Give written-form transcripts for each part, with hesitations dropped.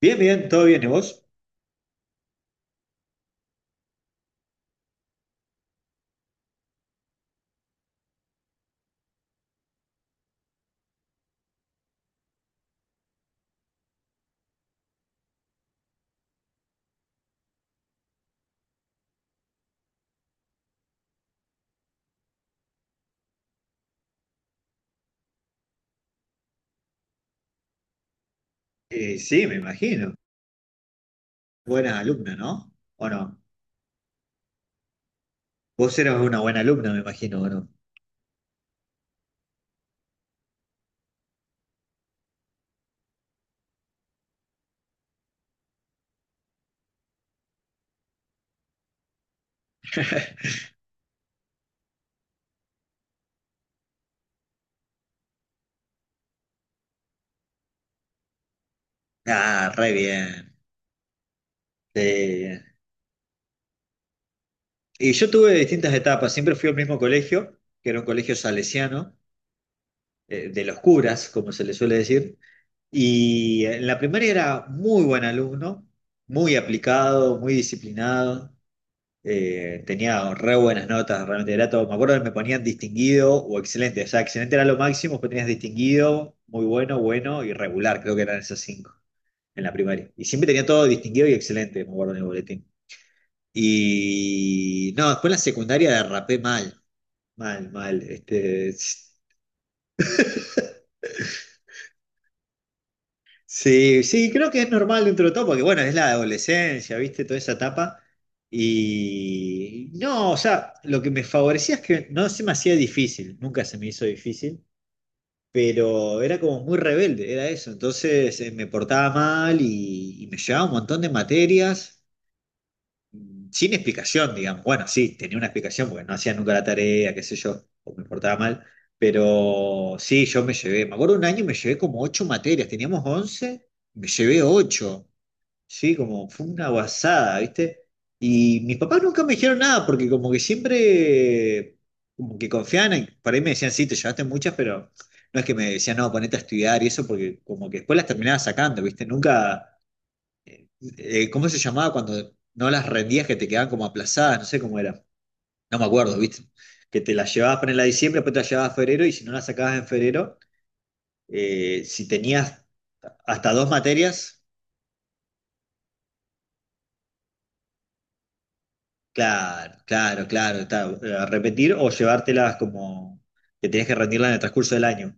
Bien, bien, todo bien. ¿Y vos? Sí, me imagino. Buena alumna, ¿no? ¿O no? Vos eras una buena alumna, me imagino, ¿o no? Ah, re bien. Sí. Y yo tuve distintas etapas. Siempre fui al mismo colegio, que era un colegio salesiano, de los curas, como se le suele decir. Y en la primaria era muy buen alumno, muy aplicado, muy disciplinado. Tenía re buenas notas, realmente era todo. Me acuerdo que me ponían distinguido o excelente. O sea, excelente era lo máximo, pues tenías distinguido, muy bueno, bueno y regular, creo que eran esas cinco en la primaria. Y siempre tenía todo distinguido y excelente, me acuerdo en el boletín. Y no, después en la secundaria derrapé mal, mal, mal. Este, sí, sí, creo que es normal dentro de todo, porque bueno, es la adolescencia, ¿viste? Toda esa etapa. Y no, o sea, lo que me favorecía es que no se me hacía difícil, nunca se me hizo difícil, pero era como muy rebelde, era eso. Entonces me portaba mal y me llevaba un montón de materias sin explicación, digamos. Bueno, sí, tenía una explicación porque no hacía nunca la tarea, qué sé yo, o me portaba mal. Pero sí, yo me llevé, me acuerdo un año me llevé como ocho materias, teníamos 11, me llevé ocho, sí, como fue una guasada, ¿viste? Y mis papás nunca me dijeron nada porque como que siempre, como que confiaban, por ahí me decían, sí, te llevaste muchas, pero no es que me decían, no, ponete a estudiar y eso, porque como que después las terminaba sacando, ¿viste? Nunca ¿cómo se llamaba cuando no las rendías que te quedaban como aplazadas? No sé cómo era. No me acuerdo, ¿viste? Que te las llevabas para en la diciembre, después te las llevabas a febrero y si no las sacabas en febrero, si tenías hasta dos materias, claro, claro, claro, a repetir o llevártelas como que tenías que rendirlas en el transcurso del año.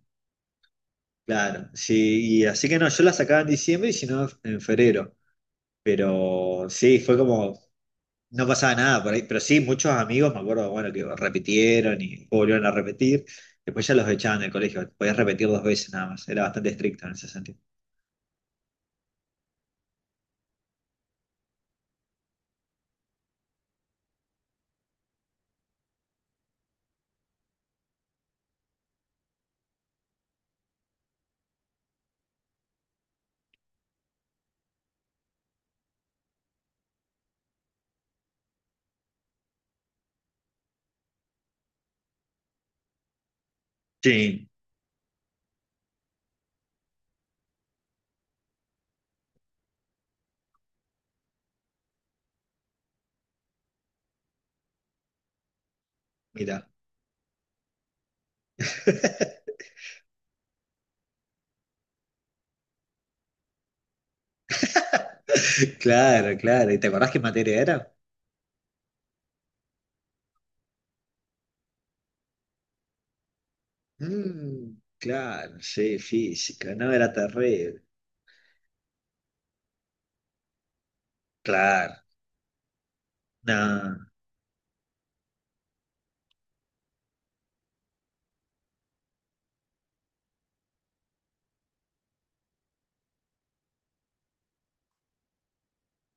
Claro, sí, y así que no, yo las sacaba en diciembre y si no en febrero. Pero sí, fue como no pasaba nada por ahí, pero sí, muchos amigos, me acuerdo, bueno, que repitieron y volvieron a repetir, después ya los echaban del colegio, podías repetir dos veces nada más, era bastante estricto en ese sentido. Sí. Mira. Claro, claro, ¿y te acordás qué materia era? Mm, claro, sí, física, no, era terrible, claro, no.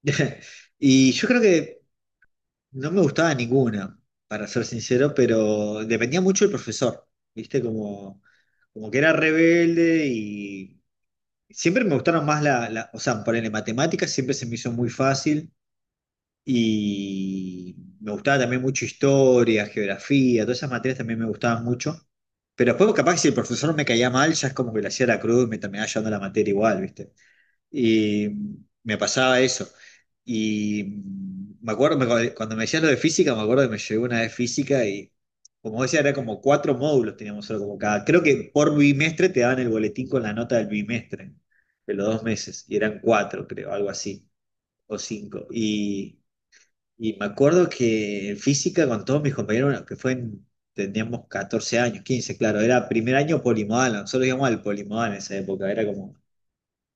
Y yo creo que no me gustaba ninguna, para ser sincero, pero dependía mucho del profesor, ¿viste? Como, como que era rebelde y siempre me gustaron más o sea, ponerle matemáticas siempre se me hizo muy fácil y me gustaba también mucho historia, geografía, todas esas materias también me gustaban mucho. Pero después capaz que si el profesor me caía mal, ya es como que le hacía la cruz y me terminaba llevando la materia igual, ¿viste? Y me pasaba eso. Y me acuerdo, cuando me decías lo de física, me acuerdo que me llegó una vez física y, como decía, era como cuatro módulos teníamos solo como cada. Creo que por bimestre te daban el boletín con la nota del bimestre, de los 2 meses, y eran cuatro, creo, algo así, o cinco. Y me acuerdo que en física con todos mis compañeros, bueno, que fue teníamos 14 años, 15 claro, era primer año polimodal, nosotros íbamos al polimodal en esa época, era como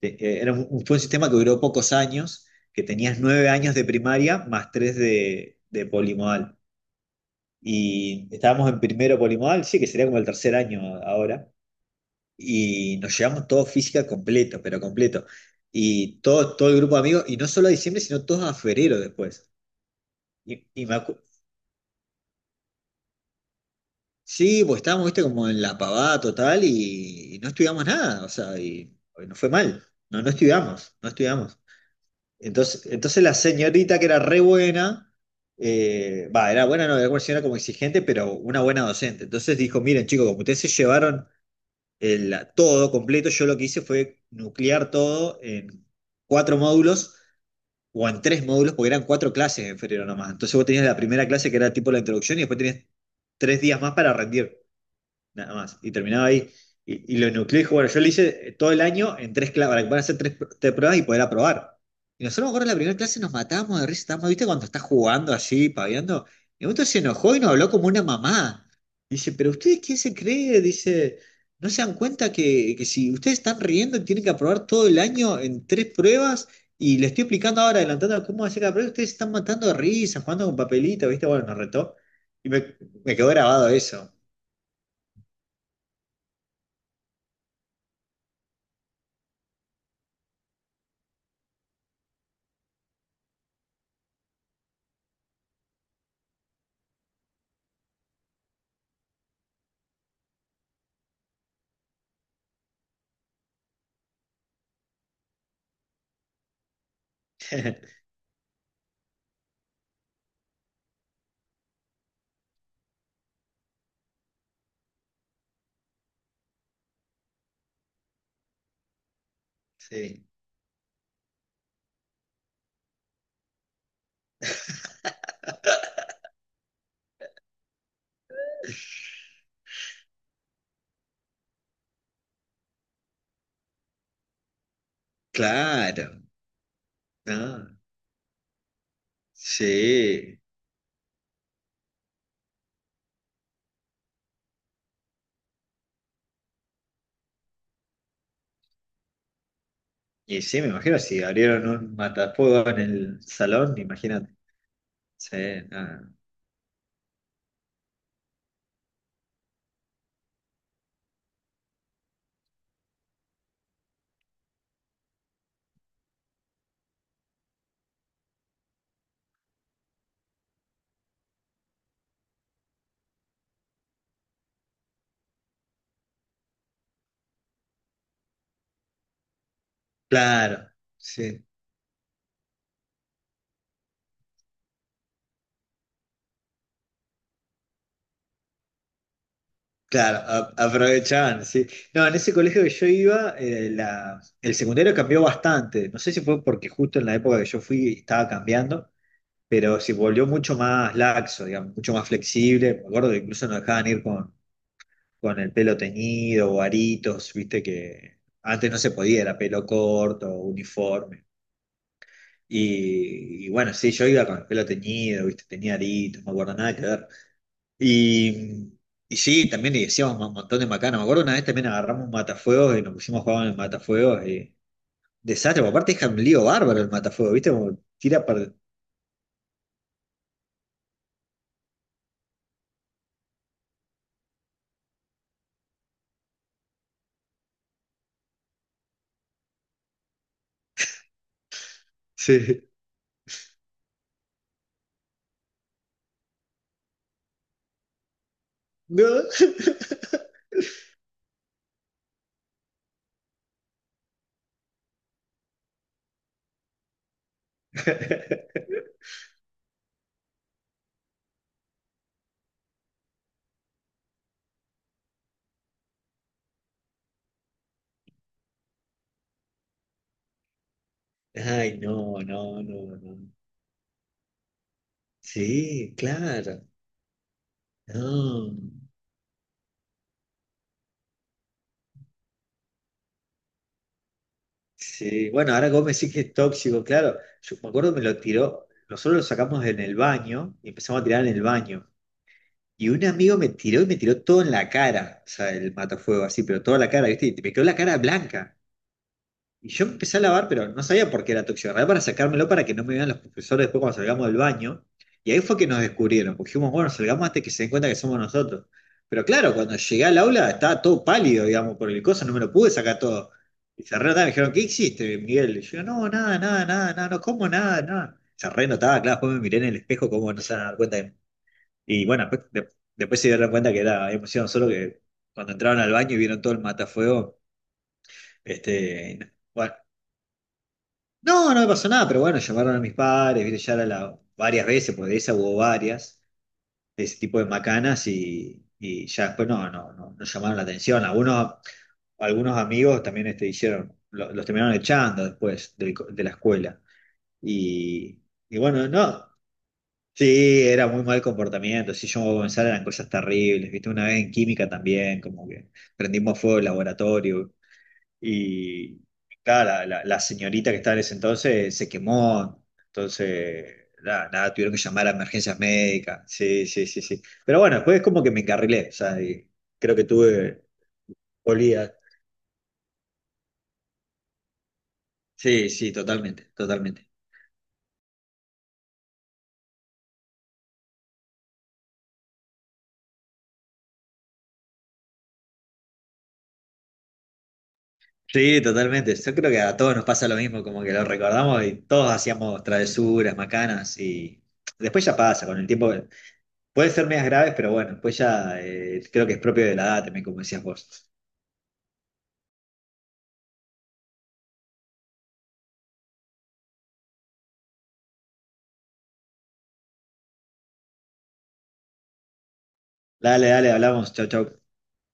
fue un sistema que duró pocos años, que tenías 9 años de primaria más tres de polimodal. Y estábamos en primero polimodal, sí, que sería como el tercer año ahora. Y nos llevamos todo física completo, pero completo. Y todo, todo el grupo de amigos, y no solo a diciembre, sino todos a febrero después. Y, y me acu- sí, pues estábamos, viste, como en la pavada total y no estudiamos nada, o sea, y nos fue mal. No, no estudiamos, no estudiamos. Entonces la señorita que era re buena, va, era buena, no, era una señora como exigente, pero una buena docente. Entonces dijo, miren chicos, como ustedes se llevaron el, todo completo, yo lo que hice fue nuclear todo en cuatro módulos o en tres módulos, porque eran cuatro clases en febrero nomás. Entonces vos tenías la primera clase que era tipo la introducción y después tenías 3 días más para rendir nada más. Y terminaba ahí. Y lo nucleé y dije, bueno, yo lo hice todo el año en tres clases, para que puedan hacer tres pruebas y poder aprobar. Y nosotros, me acuerdo, en la primera clase nos matábamos de risa, estábamos, ¿viste? Cuando estás jugando así, paviando. Y un momento se enojó y nos habló como una mamá. Dice, ¿pero ustedes quién se cree? Dice, ¿no se dan cuenta que si ustedes están riendo tienen que aprobar todo el año en tres pruebas? Y le estoy explicando ahora, adelantando cómo hacer cada prueba, ustedes se están matando de risa, jugando con papelito, ¿viste? Bueno, nos retó. Y me quedó grabado eso. Sí, claro, ¿no? Sí, y sí, me imagino, si abrieron un matafuego en el salón, imagínate. Sí, no. Claro, sí, claro, aprovechaban, sí. No, en ese colegio que yo iba, el secundario cambió bastante. No sé si fue porque justo en la época que yo fui estaba cambiando, pero se volvió mucho más laxo, digamos, mucho más flexible. Me acuerdo que incluso nos dejaban ir con el pelo teñido o aritos, viste que antes no se podía, era pelo corto, uniforme. Y bueno, sí, yo iba con el pelo teñido, viste, tenía aritos, no me acuerdo nada que ver. Y, y sí, también le decíamos un montón de macanas. Me acuerdo una vez también agarramos un matafuegos y nos pusimos a jugar en el matafuegos y desastre, porque aparte es un lío bárbaro el matafuegos, viste, como tira para... Sí. No. Ay, no, no, no, no. Sí, claro. No. Sí, bueno, ahora que vos que es tóxico, claro. Yo me acuerdo me lo tiró, nosotros lo sacamos en el baño y empezamos a tirar en el baño. Y un amigo me tiró y me tiró todo en la cara, o sea, el matafuego así, pero toda la cara, ¿viste? Y me quedó la cara blanca. Y yo empecé a lavar, pero no sabía por qué era tóxico. Agarré para sacármelo para que no me vean los profesores después cuando salgamos del baño. Y ahí fue que nos descubrieron, porque dijimos, bueno, salgamos antes que se den cuenta que somos nosotros. Pero claro, cuando llegué al aula estaba todo pálido, digamos, por el coso, no me lo pude sacar todo. Y se renotaba, me dijeron, ¿qué hiciste, Miguel? Y yo, no, nada, nada, nada, nada, no como nada, nada. Se renotaba, claro, después me miré en el espejo, como no se van a dar cuenta. Y bueno, después, después se dieron cuenta que era, emoción solo que cuando entraron al baño y vieron todo el matafuego, este, bueno, no, no me pasó nada, pero bueno, llamaron a mis padres, viste, ya era la, varias veces, porque de esa hubo varias, de ese tipo de macanas, y ya después no, no, no, no llamaron la atención. Algunos amigos también este, hicieron, los terminaron echando después del la escuela. Y, y bueno, no, sí, era muy mal comportamiento, sí, yo voy a comenzar, eran cosas terribles, viste, una vez en química también, como que prendimos fuego el laboratorio, y claro, la señorita que estaba en ese entonces se quemó, entonces nada, nada, tuvieron que llamar a emergencias médicas. Sí, sí, sí, sí. Pero bueno, después es como que me encarrilé, o sea, y creo que tuve polía. Sí, sí, totalmente, totalmente. Sí, totalmente. Yo creo que a todos nos pasa lo mismo, como que lo recordamos y todos hacíamos travesuras, macanas y después ya pasa, con el tiempo puede ser medias graves, pero bueno, después ya creo que es propio de la edad también, como decías vos. Dale, dale, hablamos, chau, chau.